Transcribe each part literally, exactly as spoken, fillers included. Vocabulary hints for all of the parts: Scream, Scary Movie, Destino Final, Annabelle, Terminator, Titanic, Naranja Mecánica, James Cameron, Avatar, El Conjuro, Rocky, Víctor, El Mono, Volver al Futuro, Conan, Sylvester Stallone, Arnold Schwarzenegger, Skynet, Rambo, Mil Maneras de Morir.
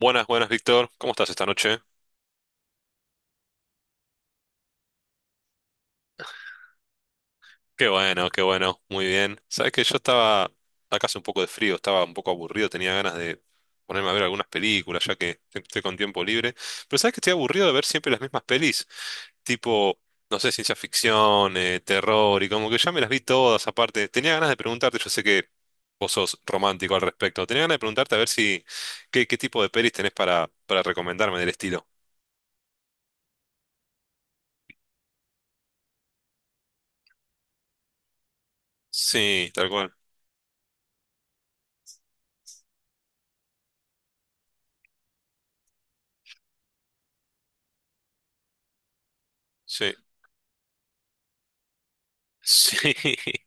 Buenas, buenas, Víctor. ¿Cómo estás esta noche? Qué bueno, qué bueno, muy bien. Sabes que yo estaba acá, hace un poco de frío, estaba un poco aburrido, tenía ganas de ponerme a ver algunas películas, ya que siempre estoy con tiempo libre. Pero sabes que estoy aburrido de ver siempre las mismas pelis, tipo, no sé, ciencia ficción, eh, terror, y como que ya me las vi todas aparte. Tenía ganas de preguntarte, yo sé que vos sos romántico al respecto, tenía ganas de preguntarte a ver si, qué, qué tipo de pelis tenés para, para recomendarme del estilo. Sí, tal cual. Sí. Sí.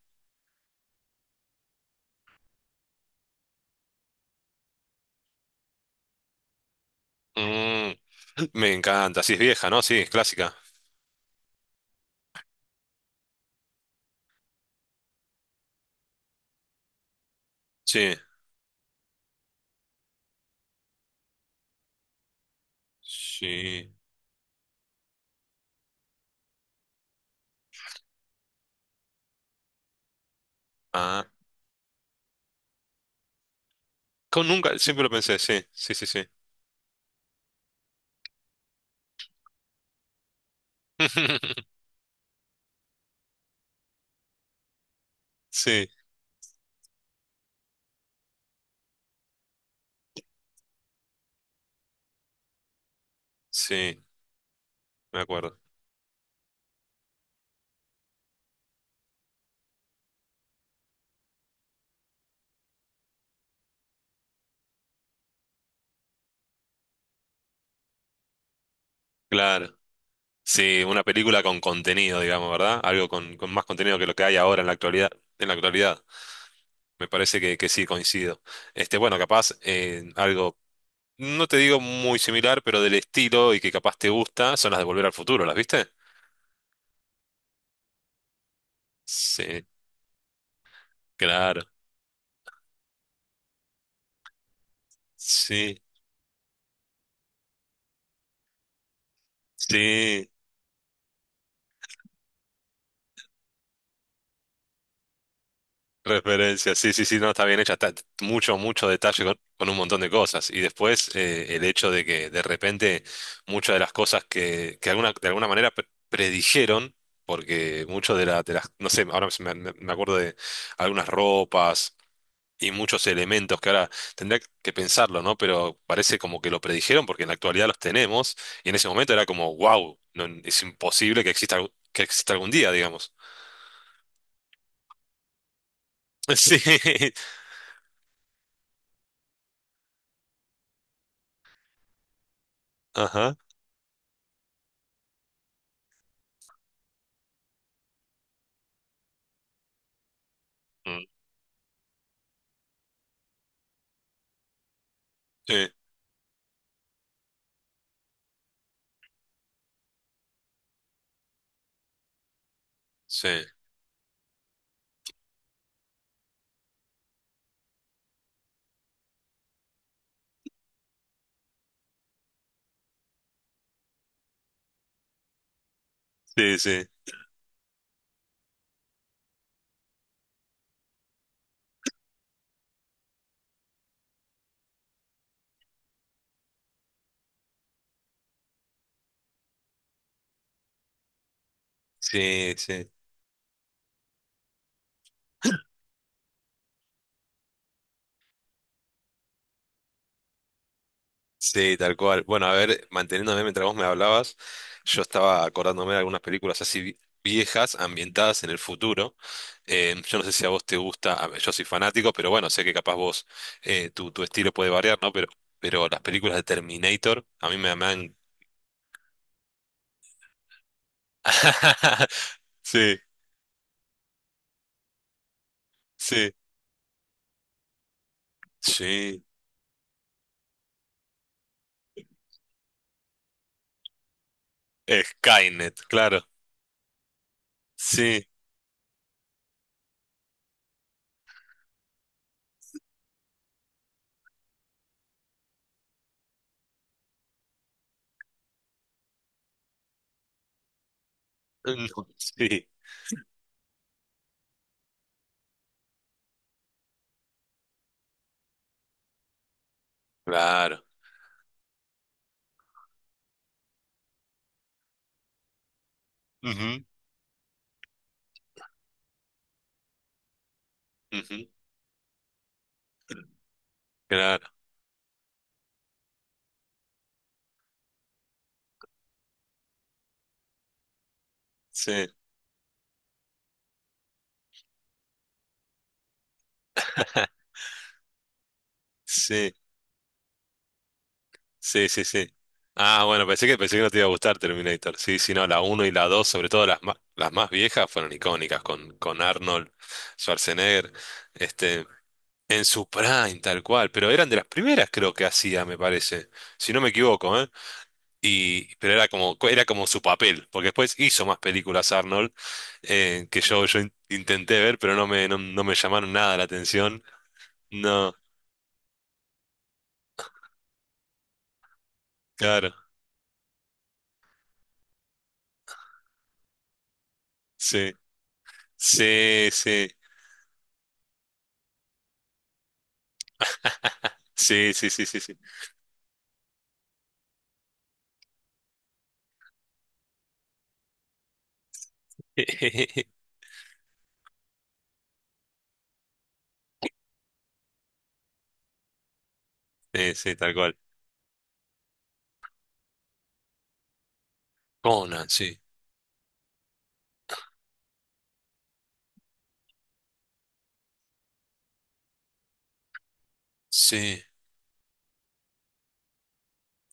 Mm, me encanta. Sí, es vieja, ¿no? Sí, es clásica. Sí. Sí. Ah. Con nunca, siempre lo pensé, sí, sí, sí, sí. Sí, sí, me acuerdo. Claro. Sí, una película con contenido, digamos, ¿verdad? Algo con, con más contenido que lo que hay ahora en la actualidad. En la actualidad. Me parece que, que sí, coincido. Este, bueno, capaz eh, algo, no te digo muy similar, pero del estilo y que capaz te gusta, son las de Volver al Futuro, ¿las viste? Sí, claro. Sí, sí, Referencia, sí, sí, sí, no, está bien hecha, está mucho, mucho detalle con, con un montón de cosas. Y después eh, el hecho de que de repente muchas de las cosas que, que alguna, de alguna manera pre- predijeron, porque mucho de, la- de las, no sé, ahora se me, me- me acuerdo de algunas ropas y muchos elementos que ahora tendría que pensarlo, ¿no? Pero parece como que lo predijeron porque en la actualidad los tenemos y en ese momento era como, wow, no, es imposible que exista, algu- que exista algún día, digamos. Sí, ajá. Mm. Sí. Sí, sí, sí, sí, sí, sí, tal cual. Bueno, a ver, manteniéndome mientras vos me hablabas, yo estaba acordándome de algunas películas así vi- viejas, ambientadas en el futuro. Eh, yo no sé si a vos te gusta, a ver, yo soy fanático, pero bueno, sé que capaz vos, eh, tu, tu estilo puede variar, ¿no? Pero, pero las películas de Terminator, a mí me, me han... Sí, sí, sí. Eh, Skynet, claro. Sí, sí, claro. Ujú, ujú, claro, sí. Sí, sí, sí, sí. Ah, bueno, pensé que, pensé que no te iba a gustar Terminator. Sí, sí, no, la uno y la dos, sobre todo las más, las más viejas, fueron icónicas con, con Arnold Schwarzenegger, este, en su prime, tal cual, pero eran de las primeras creo que hacía, me parece, si no me equivoco, ¿eh? Y, pero era como, era como su papel, porque después hizo más películas Arnold, eh, que yo, yo in- intenté ver, pero no me, no, no me llamaron nada la atención. No, claro, sí, sí, sí. Sí, sí, sí, sí, sí. Sí, sí, tal cual. Conan, sí. Sí.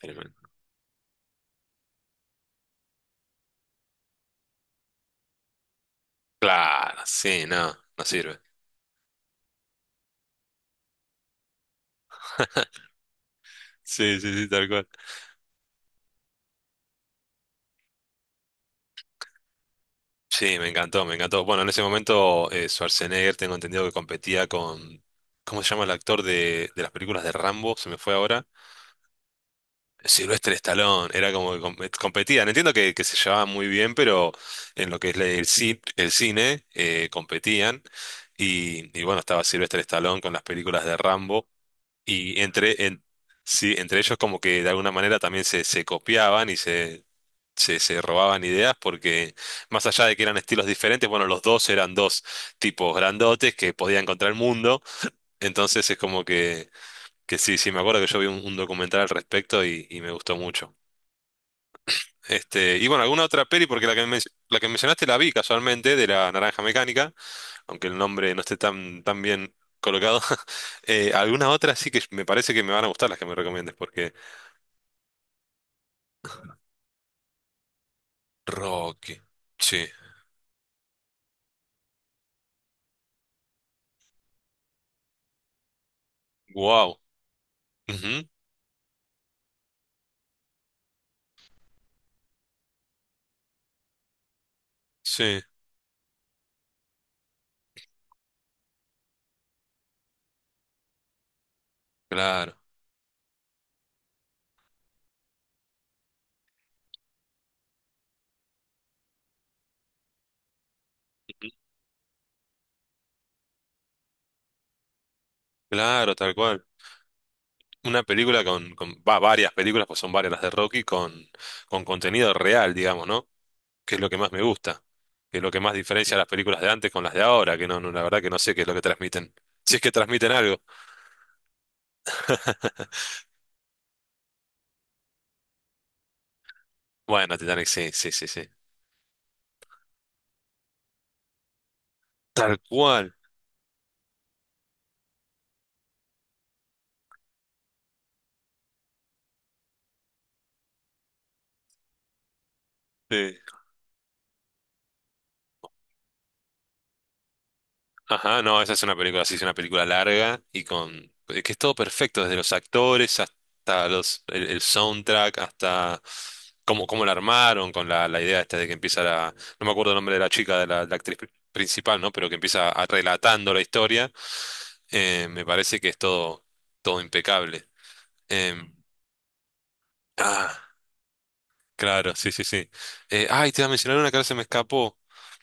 Tremendo. Claro, sí, no, no sirve. Sí, sí, sí, tal cual. Sí, me encantó, me encantó. Bueno, en ese momento eh, Schwarzenegger, tengo entendido que competía con... ¿Cómo se llama el actor de, de las películas de Rambo? Se me fue ahora. Sylvester Stallone, era como que com- competían. Entiendo que, que se llevaban muy bien, pero en lo que es la- el, ci- el cine eh, competían. Y, y bueno, estaba Sylvester Stallone con las películas de Rambo. Y entre, en- sí, entre ellos como que de alguna manera también se, se copiaban y se, se, se robaban ideas porque más allá de que eran estilos diferentes, bueno, los dos eran dos tipos grandotes que podían contra el mundo. Entonces es como que, que sí, sí, me acuerdo que yo vi un, un documental al respecto y y me gustó mucho. Este, y bueno, alguna otra peli, porque la que, men- la que mencionaste la vi casualmente, de la Naranja Mecánica, aunque el nombre no esté tan, tan bien colocado. Eh, alguna otra sí que me parece que me van a gustar las que me recomiendes, porque Rocky, sí, wow, ujú, sí, claro, ujú, claro, tal cual. Una película con, con- va, varias películas, pues son varias las de Rocky, con, con contenido real, digamos, ¿no? Que es lo que más me gusta, que es lo que más diferencia las películas de antes con las de ahora, que no, no, la verdad que no sé qué es lo que transmiten. Si es que transmiten algo. Bueno, Titanic, sí, sí, sí, sí. Tal cual. Sí. Ajá, no, esa es una película, sí, es una película larga y con... que es todo perfecto, desde los actores hasta los, el, el soundtrack, hasta cómo, cómo la armaron, con la, la idea esta de que empieza la... No me acuerdo el nombre de la chica, de la, la actriz pri- principal, ¿no? Pero que empieza a- relatando la historia. Eh, me parece que es todo, todo impecable. Em, ah, claro, sí, sí, sí. Eh, ay, te iba a mencionar una que ahora se me escapó.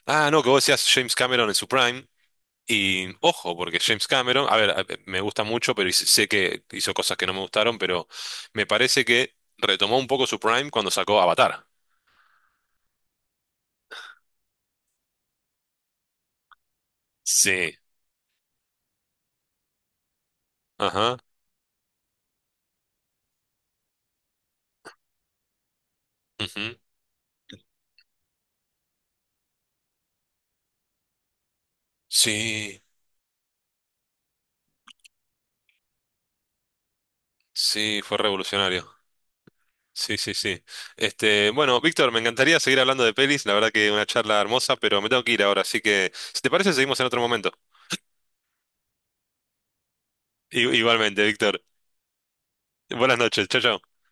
Ah, no, que vos decías James Cameron en su prime. Y ojo, porque James Cameron, a ver, a- eh, me gusta mucho, pero hice- sé que hizo cosas que no me gustaron, pero me parece que retomó un poco su prime cuando sacó Avatar. Sí, ajá. Ujú. Sí, sí, fue revolucionario. Sí, sí, sí. Este, bueno, Víctor, me encantaría seguir hablando de pelis, la verdad que una charla hermosa, pero me tengo que ir ahora, así que si te parece, seguimos en otro momento. I- Igualmente, Víctor. Buenas noches. Chao, chao.